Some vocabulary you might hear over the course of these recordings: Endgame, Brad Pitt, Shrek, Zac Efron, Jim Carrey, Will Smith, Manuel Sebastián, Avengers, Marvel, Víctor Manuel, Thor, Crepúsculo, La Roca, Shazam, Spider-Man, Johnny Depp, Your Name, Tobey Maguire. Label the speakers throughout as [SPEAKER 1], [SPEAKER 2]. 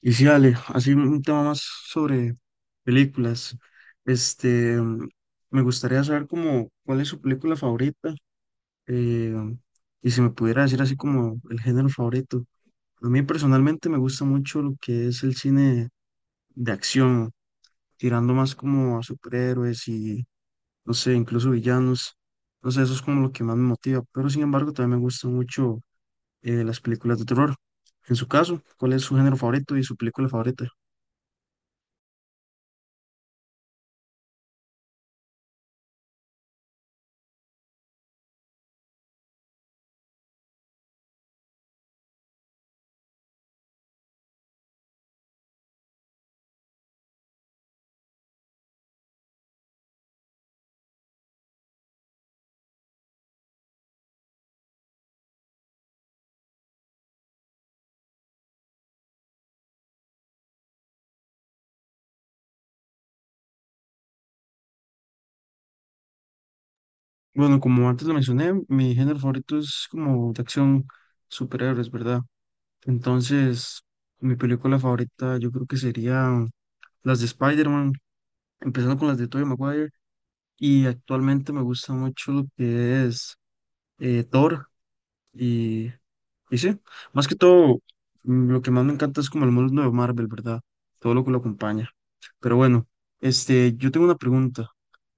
[SPEAKER 1] Y sí, Ale, así un tema más sobre películas. Este, mm, Me gustaría saber como cuál es su película favorita, eh, y si me pudiera decir así como el género favorito. A mí personalmente me gusta mucho lo que es el cine de acción, tirando más como a superhéroes y, no sé, incluso villanos. No sé, eso es como lo que más me motiva. Pero sin embargo, también me gustan mucho las películas de terror. En su caso, ¿cuál es su género favorito y su película favorita? Bueno, como antes lo mencioné, mi género favorito es como de acción, superhéroes, ¿verdad? Entonces, mi película favorita yo creo que serían las de Spider-Man, empezando con las de Tobey Maguire, y actualmente me gusta mucho lo que es Thor, y, y sí, más que todo, lo que más me encanta es como el mundo de Marvel, ¿verdad? Todo lo que lo acompaña. Pero bueno, este, yo tengo una pregunta.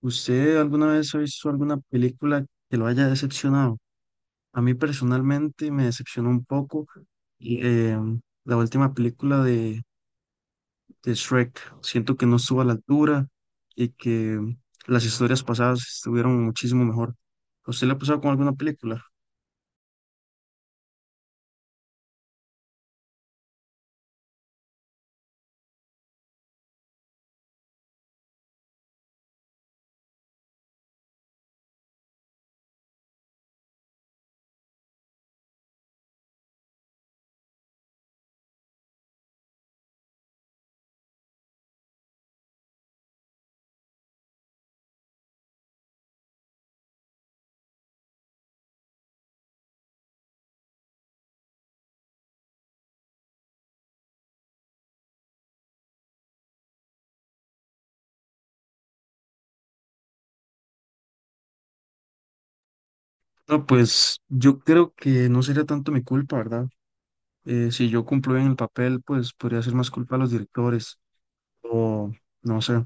[SPEAKER 1] ¿Usted alguna vez ha visto alguna película que lo haya decepcionado? A mí personalmente me decepcionó un poco y, la última película de Shrek. Siento que no estuvo a la altura y que las historias pasadas estuvieron muchísimo mejor. ¿A usted le ha pasado con alguna película? No, pues yo creo que no sería tanto mi culpa, ¿verdad? Si yo cumplo bien el papel, pues podría ser más culpa a los directores o no sé,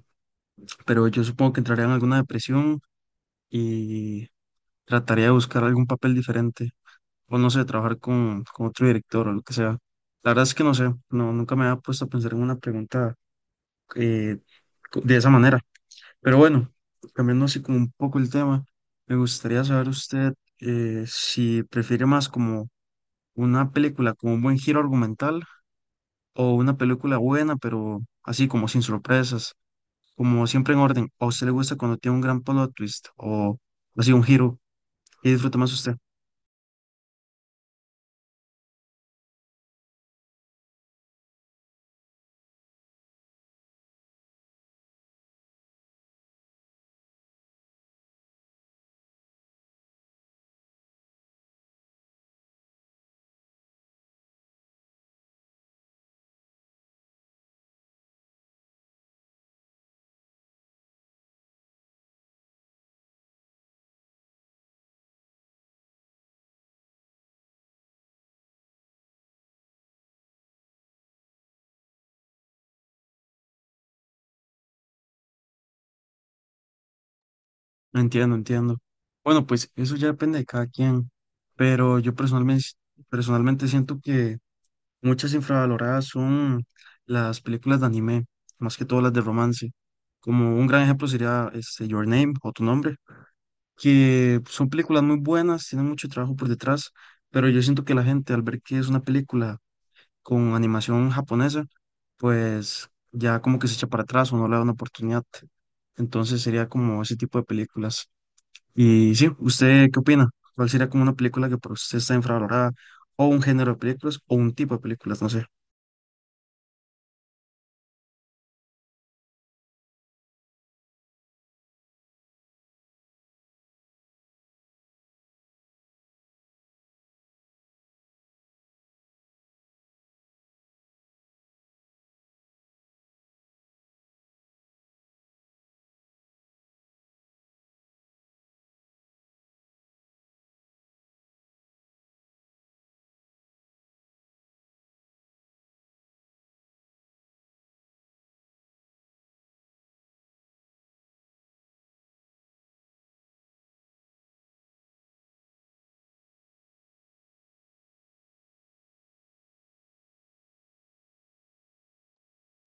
[SPEAKER 1] pero yo supongo que entraría en alguna depresión y trataría de buscar algún papel diferente. O no sé, trabajar con otro director o lo que sea. La verdad es que no sé, no, nunca me había puesto a pensar en una pregunta eh, de esa manera. Pero bueno, cambiando así como un poco el tema, me gustaría saber usted, si prefiere más como una película con un buen giro argumental o una película buena, pero así como sin sorpresas, como siempre en orden. ¿O a usted le gusta cuando tiene un gran plot twist o así un giro y disfruta más usted? Entiendo, entiendo. Bueno, pues eso ya depende de cada quien, pero yo personalmente siento que muchas infravaloradas son las películas de anime, más que todas las de romance. Como un gran ejemplo sería este, Your Name o Tu Nombre, que son películas muy buenas, tienen mucho trabajo por detrás, pero yo siento que la gente al ver que es una película con animación japonesa, pues ya como que se echa para atrás o no le da una oportunidad. Entonces sería como ese tipo de películas. Y sí, ¿usted qué opina? ¿Cuál sería como una película que para usted está infravalorada? ¿O un género de películas? ¿O un tipo de películas? No sé.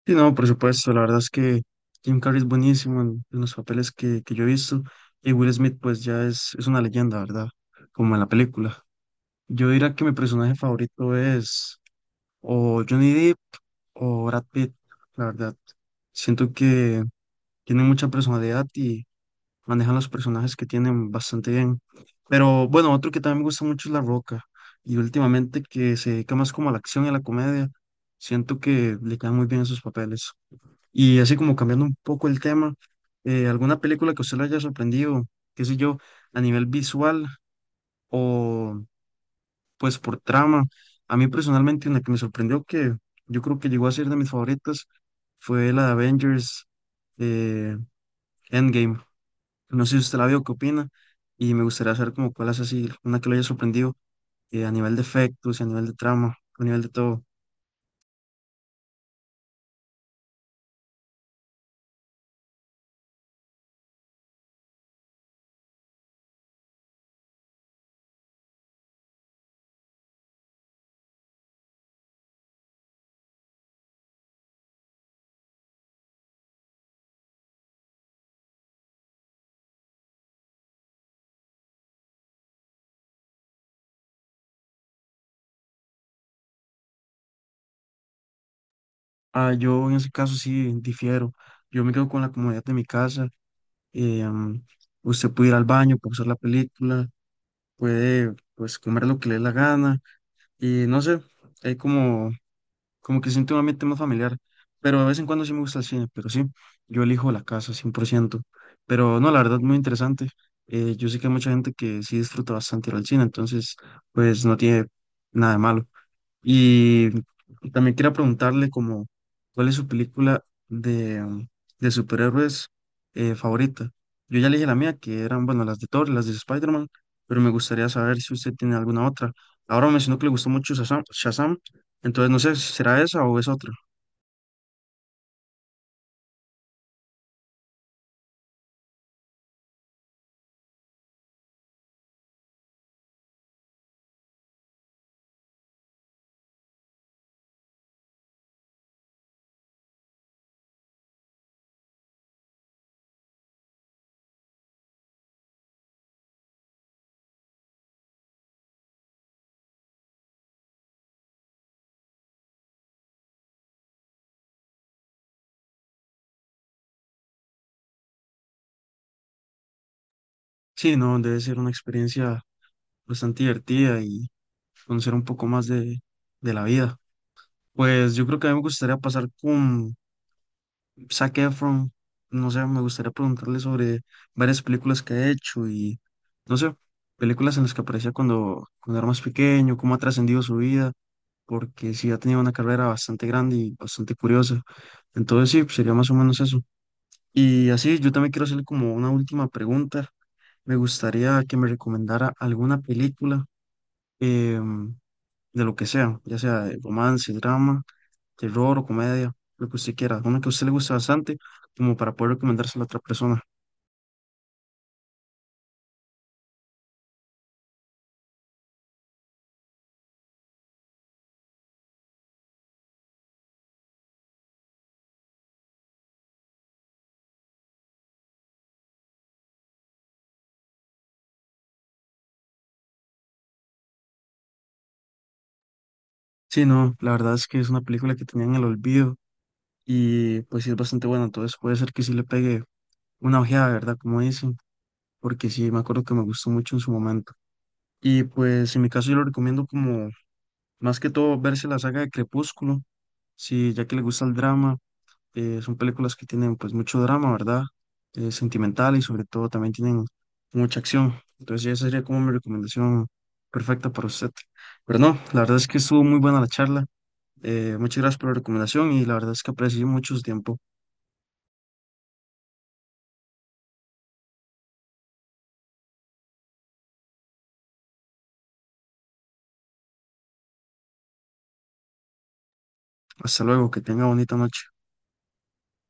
[SPEAKER 1] Sí, no, por supuesto. La verdad es que Jim Carrey es buenísimo en los papeles que yo he visto. Y Will Smith, pues ya es una leyenda, ¿verdad? Como en la película. Yo diría que mi personaje favorito es o Johnny Depp o Brad Pitt, la verdad. Siento que tienen mucha personalidad y manejan los personajes que tienen bastante bien. Pero bueno, otro que también me gusta mucho es La Roca. Y últimamente que se dedica más como a la acción y a la comedia, siento que le quedan muy bien esos papeles. Y así como cambiando un poco el tema, ¿alguna película que a usted le haya sorprendido, qué sé yo, a nivel visual o pues por trama? A mí personalmente una que me sorprendió que yo creo que llegó a ser de mis favoritas fue la de Avengers eh, Endgame. No sé si usted la vio, qué opina. Y me gustaría saber como cuál es así, una que lo haya sorprendido, a nivel de efectos, y a nivel de trama, a nivel de todo. Ah, yo en ese caso sí difiero. Yo me quedo con la comodidad de mi casa. eh, mm, Usted puede ir al baño, puede usar la película, puede pues comer lo que le dé la gana. Y no sé, hay como que siento un ambiente más familiar, pero de vez en cuando sí me gusta el cine, pero sí, yo elijo la casa 100%. Pero no, la verdad, muy interesante. Yo sé que hay mucha gente que sí disfruta bastante ir al cine, entonces, pues no tiene nada de malo. Y también quería preguntarle como, ¿cuál es su película de de superhéroes favorita? Yo ya le dije la mía, que eran, bueno, las de Thor, las de Spider-Man, pero me gustaría saber si usted tiene alguna otra. Ahora me mencionó que le gustó mucho Shazam, entonces no sé, ¿será esa o es otra? Sí, no, debe ser una experiencia bastante divertida y conocer un poco más de la vida. Pues yo creo que a mí me gustaría pasar con Zac Efron, no sé, me gustaría preguntarle sobre varias películas que ha hecho y, no sé, películas en las que aparecía cuando era más pequeño, cómo ha trascendido su vida, porque sí ha tenido una carrera bastante grande y bastante curiosa. Entonces sí, pues, sería más o menos eso. Y así, yo también quiero hacerle como una última pregunta. Me gustaría que me recomendara alguna película, em, de lo que sea, ya sea de romance, drama, terror o comedia, lo que usted quiera, una que a usted le guste bastante, como para poder recomendársela a otra persona. Sí, no, la verdad es que es una película que tenía en el olvido y pues sí es bastante buena, entonces puede ser que sí le pegue una ojeada, ¿verdad? Como dicen, porque sí, me acuerdo que me gustó mucho en su momento. Y pues en mi caso yo lo recomiendo como más que todo verse la saga de Crepúsculo, si ya que le gusta el drama, son películas que tienen pues mucho drama, ¿verdad? Sentimental y sobre todo también tienen mucha acción. Entonces esa sería como mi recomendación perfecta para usted. Pero no, la verdad es que estuvo muy buena la charla. Muchas gracias por la recomendación y la verdad es que aprecié mucho su tiempo. Hasta luego, que tenga bonita noche.